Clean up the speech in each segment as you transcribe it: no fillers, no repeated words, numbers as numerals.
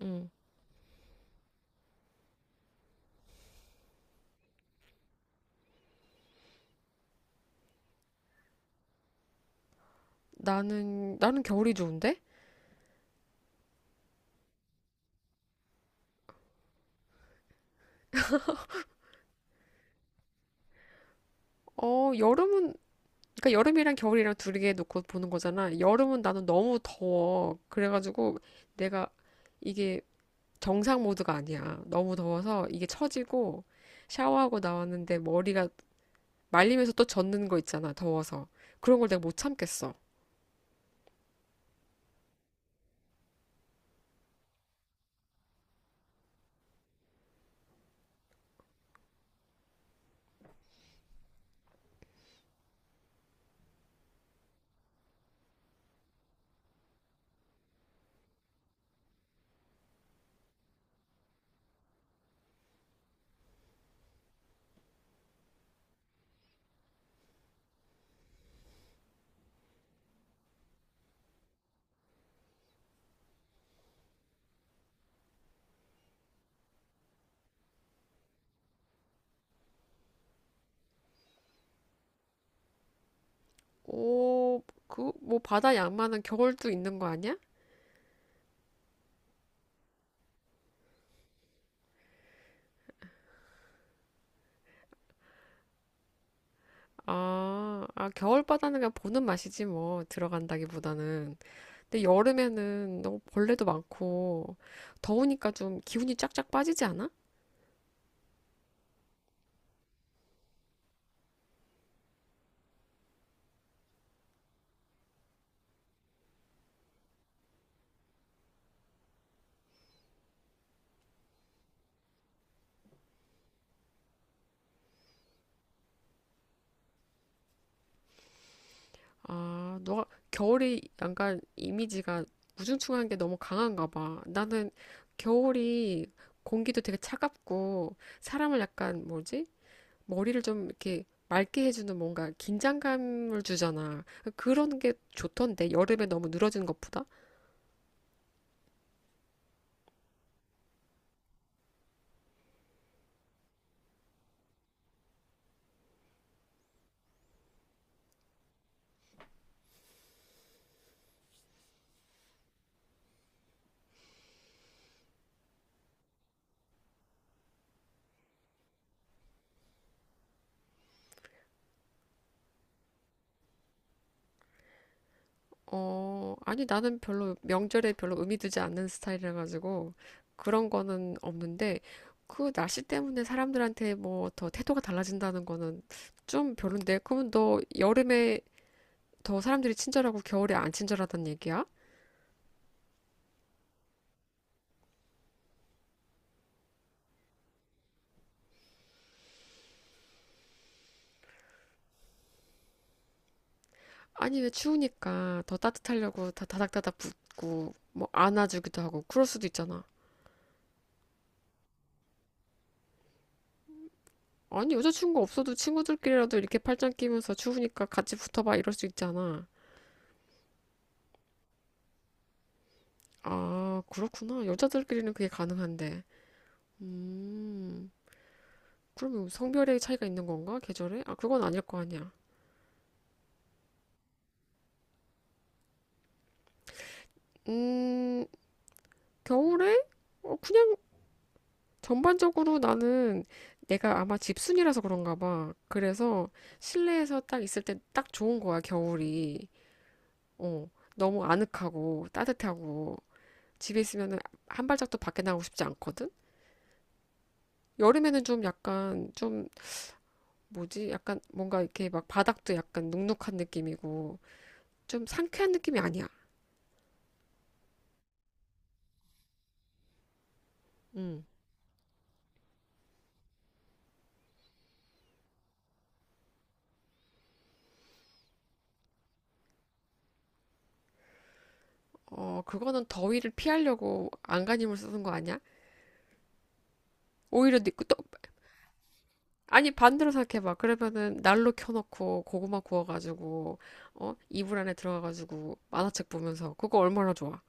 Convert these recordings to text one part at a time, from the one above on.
음. 나는 겨울이 좋은데? 여름은, 그러니까 여름이랑 겨울이랑 둘개 놓고 보는 거잖아. 여름은 나는 너무 더워. 그래가지고 내가 이게 정상 모드가 아니야. 너무 더워서 이게 처지고 샤워하고 나왔는데 머리가 말리면서 또 젖는 거 있잖아. 더워서. 그런 걸 내가 못 참겠어. 오, 그, 뭐 바다 양만한 겨울도 있는 거 아니야? 아, 아, 겨울 바다는 그냥 보는 맛이지 뭐. 들어간다기보다는. 근데 여름에는 너무 벌레도 많고 더우니까 좀 기운이 쫙쫙 빠지지 않아? 아, 너가 겨울이 약간 이미지가 우중충한 게 너무 강한가 봐. 나는 겨울이 공기도 되게 차갑고 사람을 약간 뭐지? 머리를 좀 이렇게 맑게 해주는 뭔가 긴장감을 주잖아. 그러니까 그런 게 좋던데 여름에 너무 늘어지는 것보다? 어, 아니, 나는 별로 명절에 별로 의미 두지 않는 스타일이라 가지고 그런 거는 없는데 그 날씨 때문에 사람들한테 뭐 더 태도가 달라진다는 거는 좀 별론데 그러면 너 여름에 더 사람들이 친절하고 겨울에 안 친절하단 얘기야? 아니, 왜 추우니까 더 따뜻하려고 다 다닥다닥 붙고 뭐 안아주기도 하고 그럴 수도 있잖아. 아니, 여자친구 없어도 친구들끼리라도 이렇게 팔짱 끼면서 추우니까 같이 붙어봐 이럴 수 있잖아. 아, 그렇구나. 여자들끼리는 그게 가능한데. 음, 그러면 성별의 차이가 있는 건가? 계절에? 아, 그건 아닐 거 아니야. 음, 겨울에? 어, 그냥 전반적으로 나는 내가 아마 집순이라서 그런가 봐. 그래서 실내에서 딱 있을 때 딱 좋은 거야, 겨울이. 어, 너무 아늑하고 따뜻하고 집에 있으면은 한 발짝도 밖에 나가고 싶지 않거든? 여름에는 좀 약간 좀 뭐지? 약간 뭔가 이렇게 막 바닥도 약간 눅눅한 느낌이고 좀 상쾌한 느낌이 아니야. 음. 어, 그거는 더위를 피하려고 안간힘을 쓰는 거 아니야? 오히려 아니, 반대로 생각해봐. 그러면은 난로 켜놓고 고구마 구워가지고, 어? 이불 안에 들어가가지고 만화책 보면서 그거 얼마나 좋아?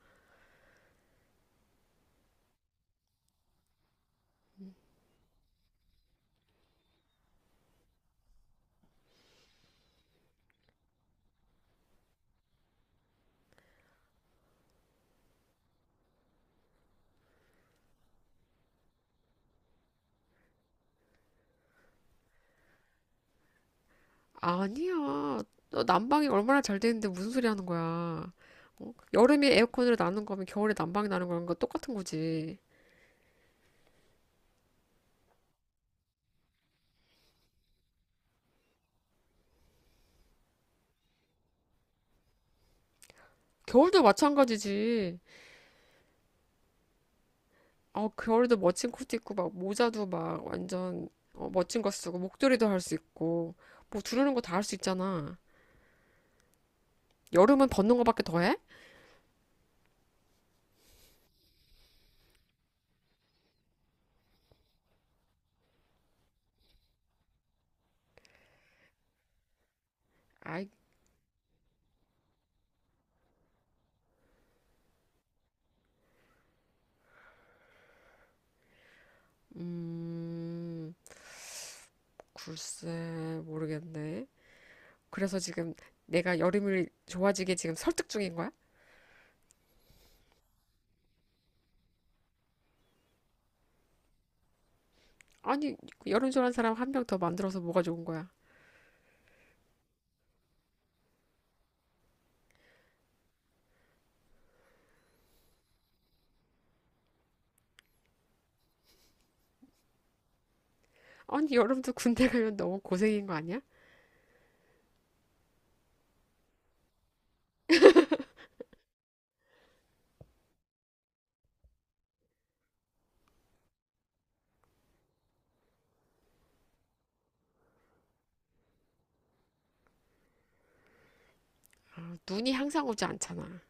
아니야. 너 난방이 얼마나 잘 되는데 무슨 소리 하는 거야? 어? 여름에 에어컨으로 나는 거면 겨울에 난방이 나는 거랑 똑같은 거지. 겨울도 마찬가지지. 어, 겨울도 멋진 코트 입고 막 모자도 막 완전 어, 멋진 거 쓰고 목도리도 할 수 있고 뭐 두르는 거 다 할 수 있잖아. 여름은 벗는 거밖에 더 해? 아이, 음, 글쎄 모르겠네. 그래서 지금 내가 여름을 좋아지게 지금 설득 중인 거야? 아니, 여름 좋아하는 사람 1명 더 만들어서 뭐가 좋은 거야? 아니, 여름도 군대 가면 너무 고생인 거 아니야? 아, 눈이 항상 오지 않잖아.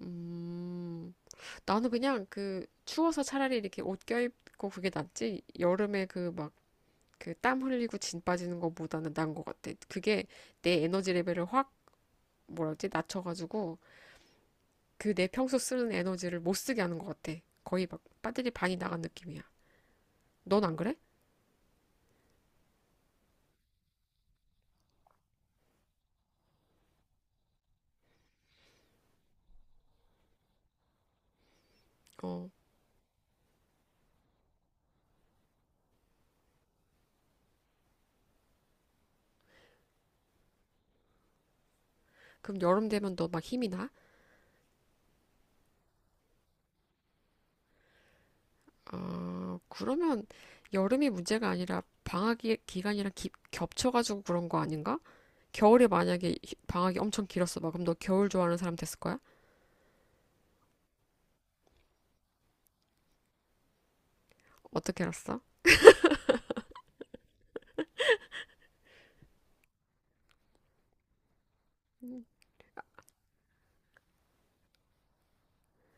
음. 나는 그냥 그 추워서 차라리 이렇게 옷 껴입고 그게 낫지. 여름에 그 막 그 땀 흘리고 진 빠지는 것보다는 나은 것 같아. 그게 내 에너지 레벨을 확 뭐라 지 낮춰가지고 그 내 평소 쓰는 에너지를 못 쓰게 하는 것 같아. 거의 막 배터리 반이 나간 느낌이야. 넌 안 그래? 어. 그럼 여름 되면 너 막 힘이 나? 아, 그러면 여름이 문제가 아니라 방학 기간이랑 겹쳐가지고 그런 거 아닌가? 겨울에 만약에 방학이 엄청 길었어. 막 그럼 너 겨울 좋아하는 사람 됐을 거야? 어떻게 알았어?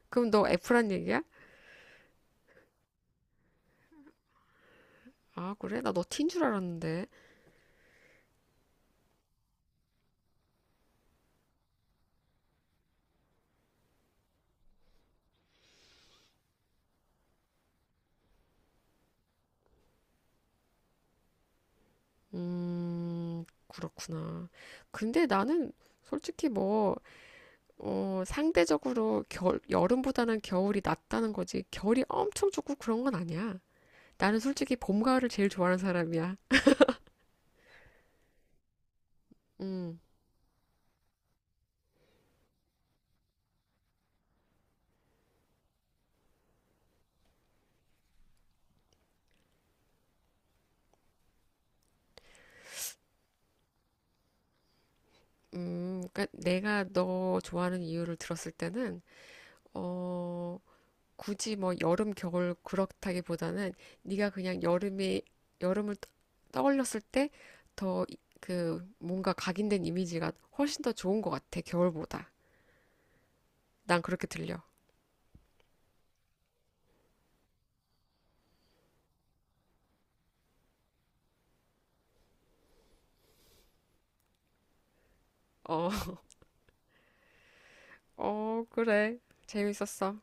그럼 너 F란 얘기야? 아, 그래? 나 너 T인 줄 알았는데. 그렇구나. 근데 나는 솔직히 뭐, 어, 상대적으로 겨울, 여름보다는 겨울이 낫다는 거지. 겨울이 엄청 좋고 그런 건 아니야. 나는 솔직히 봄, 가을을 제일 좋아하는 사람이야. 음, 그러니까 내가 너 좋아하는 이유를 들었을 때는, 어, 굳이 뭐 여름, 겨울 그렇다기보다는 네가 그냥 여름에 여름을 떠올렸을 때 더 그 뭔가 각인된 이미지가 훨씬 더 좋은 것 같아, 겨울보다. 난 그렇게 들려. 어, 어, 그래. 재밌었어.